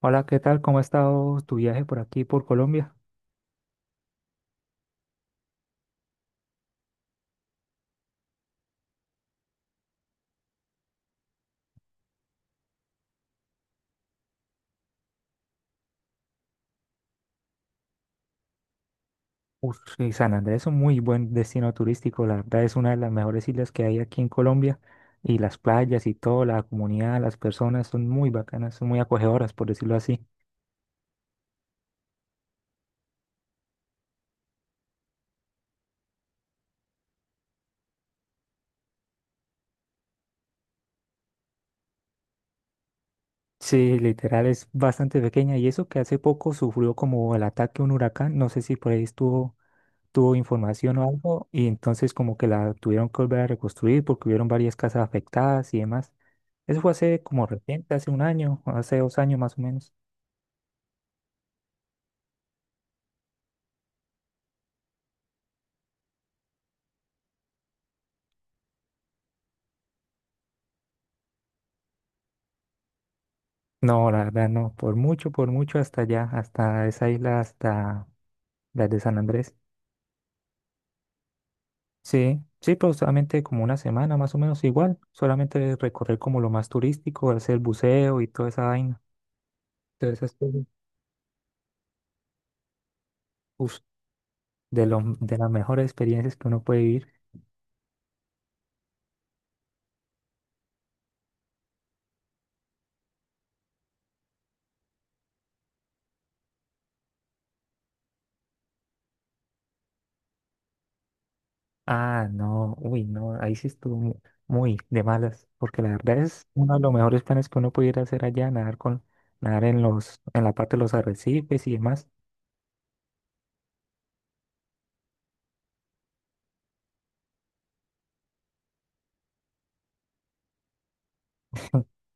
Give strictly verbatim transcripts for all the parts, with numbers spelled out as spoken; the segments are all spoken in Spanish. Hola, ¿qué tal? ¿Cómo ha estado tu viaje por aquí, por Colombia? Uf, y San Andrés es un muy buen destino turístico, la verdad es una de las mejores islas que hay aquí en Colombia y las playas y todo, la comunidad, las personas son muy bacanas, son muy acogedoras, por decirlo así. Sí, literal es bastante pequeña y eso que hace poco sufrió como el ataque a un huracán, no sé si por ahí estuvo tuvo información o algo y entonces como que la tuvieron que volver a reconstruir porque hubieron varias casas afectadas y demás. Eso fue hace como reciente, hace un año, hace dos años más o menos. No, la verdad no, por mucho, por mucho hasta allá, hasta esa isla, hasta la de San Andrés. Sí, sí, pero solamente como una semana más o menos igual, solamente recorrer como lo más turístico, hacer buceo y toda esa vaina. Entonces, esas cosas, uf, de, lo- de las mejores experiencias que uno puede vivir. Ah, no, uy, no, ahí sí estuvo mu- muy, de malas, porque la verdad es uno de los mejores planes que uno pudiera hacer allá, nadar con, nadar en los, en la parte de los arrecifes y demás.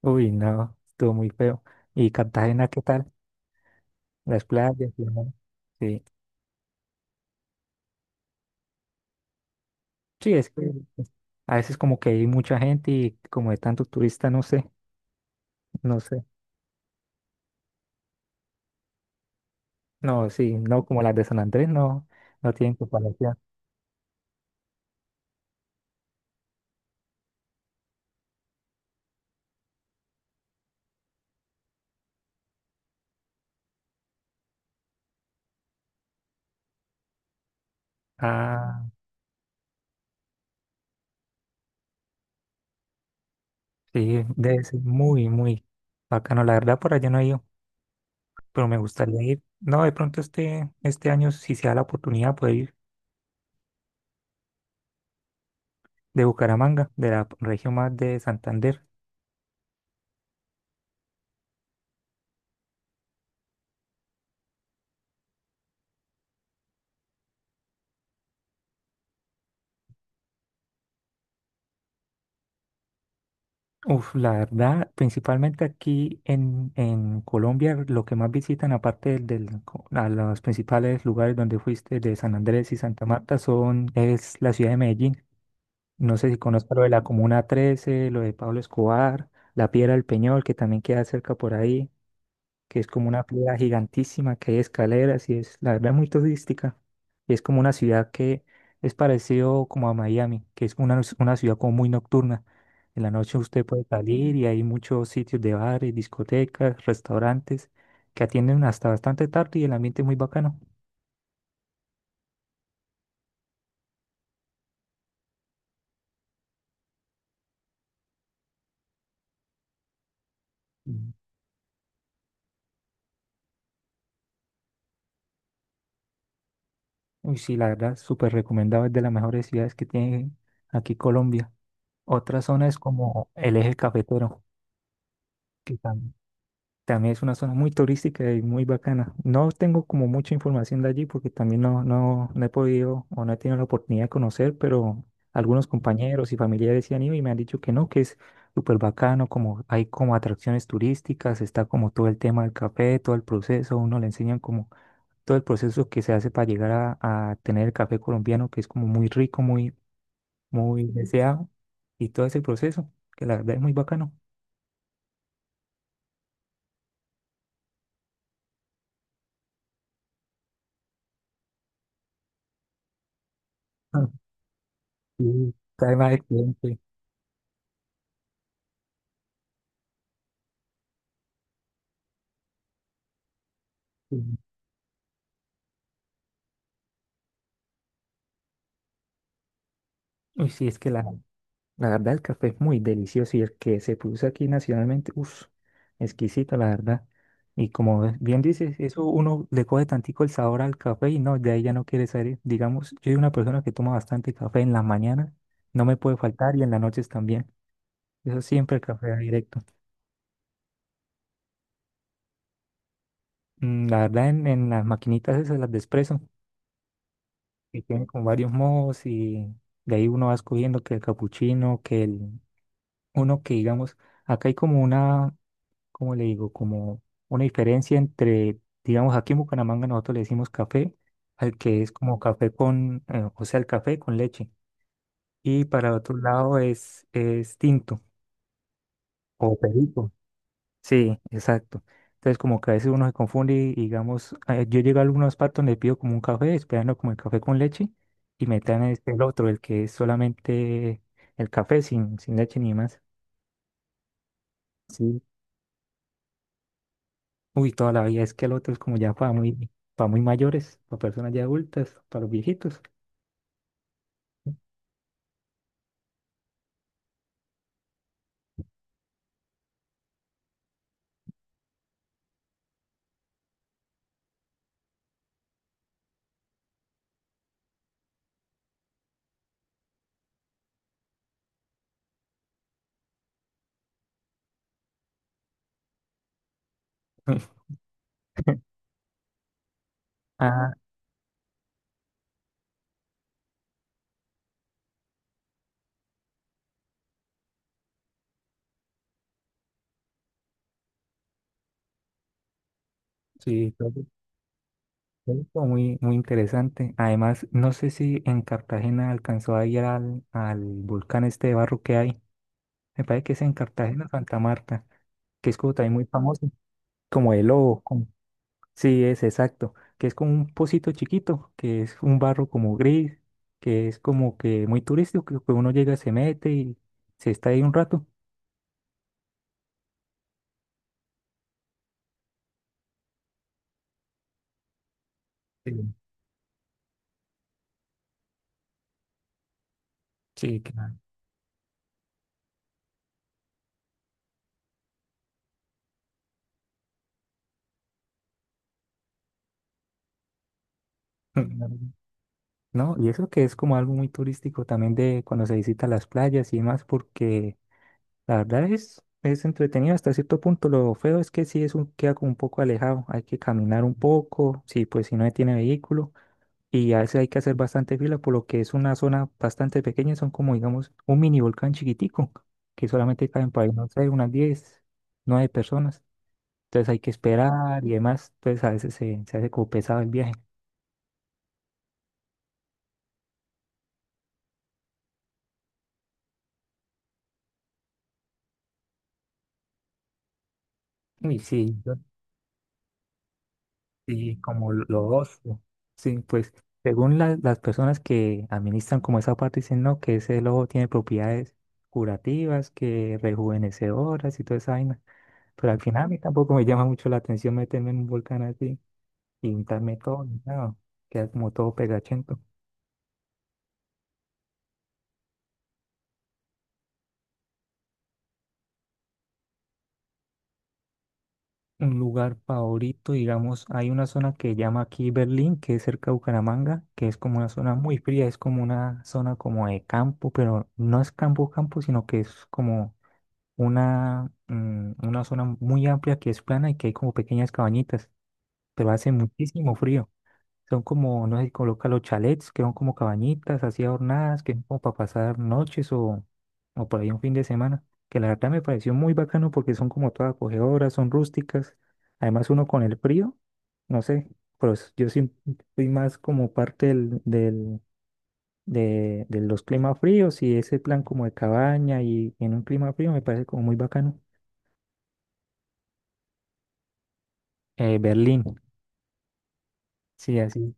Uy, no, estuvo muy feo. ¿Y Cartagena qué tal? Las playas, y demás. Sí, sí, es que es- a veces como que hay mucha gente y como de tanto turista, no sé, no sé. No, sí, no, como las de San Andrés, no, no tienen comparación. Ah, sí, debe ser muy, muy bacano, la verdad por allá no hay pero me gustaría ir. No, de pronto este, este año, si se da la oportunidad, poder ir de Bucaramanga, de la región más de Santander. Uf, la verdad, principalmente aquí en, en Colombia, lo que más visitan, aparte del, del co- a los principales lugares donde fuiste, de San Andrés y Santa Marta, son, es la ciudad de Medellín. No sé si conozco lo de la Comuna trece, lo de Pablo Escobar, la Piedra del Peñol, que también queda cerca por ahí. Que es como una piedra gigantísima que hay escaleras y es, la verdad, muy turística. Y es como una ciudad que es parecido como a Miami, que es una, una ciudad como muy nocturna. En la noche usted puede salir y hay muchos sitios de bares, discotecas, restaurantes que atienden hasta bastante tarde y el ambiente es muy bacano. Mm. Uy, sí, la verdad, súper recomendado, es de las mejores ciudades que tiene aquí Colombia. Otra zona es como el eje cafetero, que tam- también es una zona muy turística y muy bacana. No tengo como mucha información de allí porque también no, no, no he podido o no he tenido la oportunidad de conocer, pero algunos compañeros y familiares sí han ido y me han dicho que no, que es súper bacano, como hay como atracciones turísticas, está como todo el tema del café, todo el proceso, uno le enseñan como todo el proceso que se hace para llegar a, a tener el café colombiano, que es como muy rico, muy, muy deseado, y todo ese proceso, que la verdad es muy bacano. Ah, sí, cae mal el cliente. Uy, sí, es que la, la verdad el café es muy delicioso y el que se produce aquí nacionalmente, uff, exquisito, la verdad. Y como ves- bien dices, eso uno le coge tantico el sabor al café y no, de ahí ya no quiere salir. Digamos, yo soy una persona que toma bastante café en las mañanas, no me puede faltar y en las noches también. Eso siempre el café directo. Mm, La verdad, en, en las maquinitas esas, las de espresso, que tienen con varios modos y de ahí uno va escogiendo que el capuchino, que el, uno que digamos, acá hay como una ¿cómo le digo? Como una diferencia entre, digamos, aquí en Bucaramanga nosotros le decimos café, al que es como café con, eh, o sea, el café con leche. Y para otro lado es, es tinto. O perico. Sí, exacto. Entonces como que a veces uno se confunde y digamos, eh, yo llego a algunos partos, le pido como un café, esperando como el café con leche, y me traen es el otro, el que es solamente el café sin, sin leche ni más. Sí, uy, toda la vida es que el otro es como ya para muy, para muy, mayores, para personas ya adultas, para los viejitos. Ah, sí, creo que- creo muy, muy interesante. Además, no sé si en Cartagena alcanzó a ir al, al volcán este de barro que hay. Me parece que es en Cartagena, Santa Marta, que es como también muy famoso, como el lobo. como- Sí, es exacto, que es como un pocito chiquito, que es un barro como gris, que es como que muy turístico, que uno llega, se mete y se está ahí un rato. eh, Sí, claro. Claro. No, y eso que es como algo muy turístico también de cuando se visita las playas y demás, porque la verdad es, es entretenido hasta cierto punto. Lo feo es que sí es un, queda como un poco alejado, hay que caminar un poco, sí, pues si no tiene vehículo, y a veces hay que hacer bastante fila, por lo que es una zona bastante pequeña, son como digamos un mini volcán chiquitico, que solamente caen para, ahí, no sé, unas diez nueve personas. Entonces hay que esperar y demás, pues a veces se, se hace como pesado el viaje. Uy, sí, sí, como lo lo otro. Sí, pues según la- las personas que administran como esa parte dicen, no, que ese lobo tiene propiedades curativas, que rejuvenecedoras y toda esa vaina. Pero al final a mí tampoco me llama mucho la atención meterme en un volcán así y untarme todo, ni nada. Queda como todo pegachento. Un lugar favorito, digamos, hay una zona que llama aquí Berlín, que es cerca de Bucaramanga, que es como una zona muy fría, es como una zona como de campo, pero no es campo campo, sino que es como una, mm, una zona muy amplia que es plana y que hay como pequeñas cabañitas, pero hace muchísimo frío. Son como, no sé, si coloca los chalets, que son como cabañitas así adornadas, que son como para pasar noches o, o por ahí un fin de semana, que la verdad me pareció muy bacano porque son como todas acogedoras, son rústicas. Además uno con el frío, no sé, pero s- yo sí fui más como parte del, del- de, de los climas fríos y ese plan como de cabaña y en un clima frío me parece como muy bacano. Eh, Berlín, sí, así,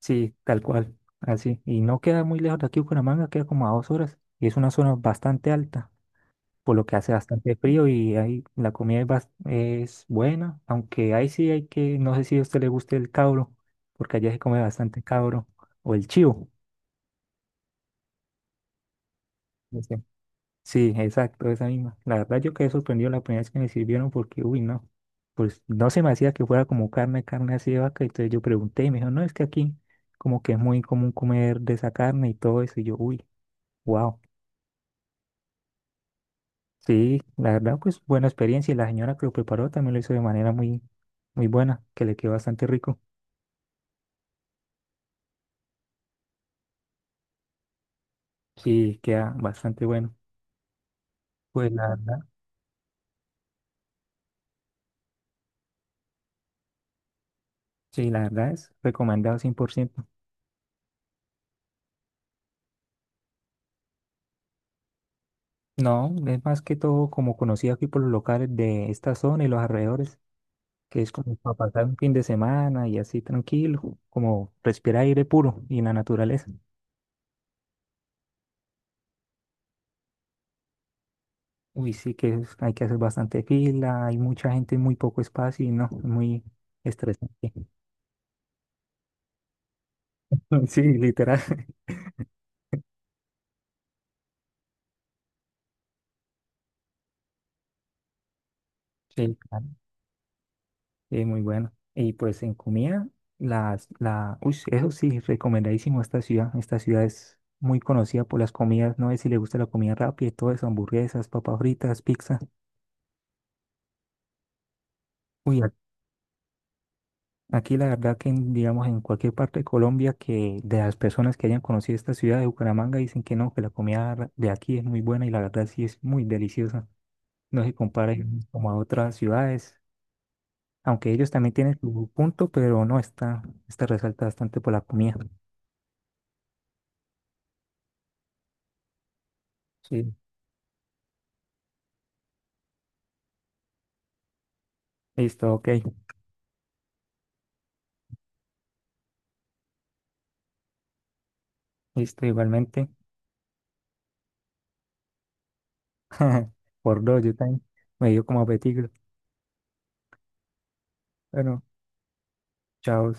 sí, tal cual, así. Y no queda muy lejos de aquí, Bucaramanga, queda como a dos horas. Y es una zona bastante alta, por lo que hace bastante frío y ahí la comida es, bas- es buena, aunque ahí sí hay que, no sé si a usted le guste el cabro, porque allá se come bastante cabro, o el chivo. Sí, exacto, esa misma. La verdad yo quedé sorprendido la primera vez que me sirvieron porque, uy, no, pues no se me hacía que fuera como carne, carne así de vaca. Entonces yo pregunté y me dijo, no, es que aquí como que es muy común comer de esa carne y todo eso. Y yo, uy, wow. Sí, la verdad pues buena experiencia y la señora que lo preparó también lo hizo de manera muy, muy buena, que le quedó bastante rico. Sí, queda bastante bueno. Pues la verdad, sí, la verdad es recomendado cien por ciento. No, es más que todo como conocido aquí por los locales de esta zona y los alrededores. Que es como para pasar un fin de semana y así tranquilo, como respirar aire puro y la naturaleza. Uy, sí que es- hay que hacer bastante fila, hay mucha gente, muy poco espacio y no, es muy estresante. Sí, literal. Sí, claro. Sí, muy bueno. Y pues en comida, las, la, uy, eso sí, recomendadísimo esta ciudad. Esta ciudad es muy conocida por las comidas, no sé si le gusta la comida rápida y todo eso, hamburguesas, papas fritas, pizza. Uy, aquí la verdad que, en, digamos, en cualquier parte de Colombia, que de las personas que hayan conocido esta ciudad de Bucaramanga dicen que no, que la comida de aquí es muy buena y la verdad sí es muy deliciosa. No se compara Mm. como a otras ciudades, aunque ellos también tienen su punto, pero no, está, está resalta bastante por la comida. Sí, listo, ok, listo, igualmente. Por dos, yo también me dio como apetito. Bueno, chao.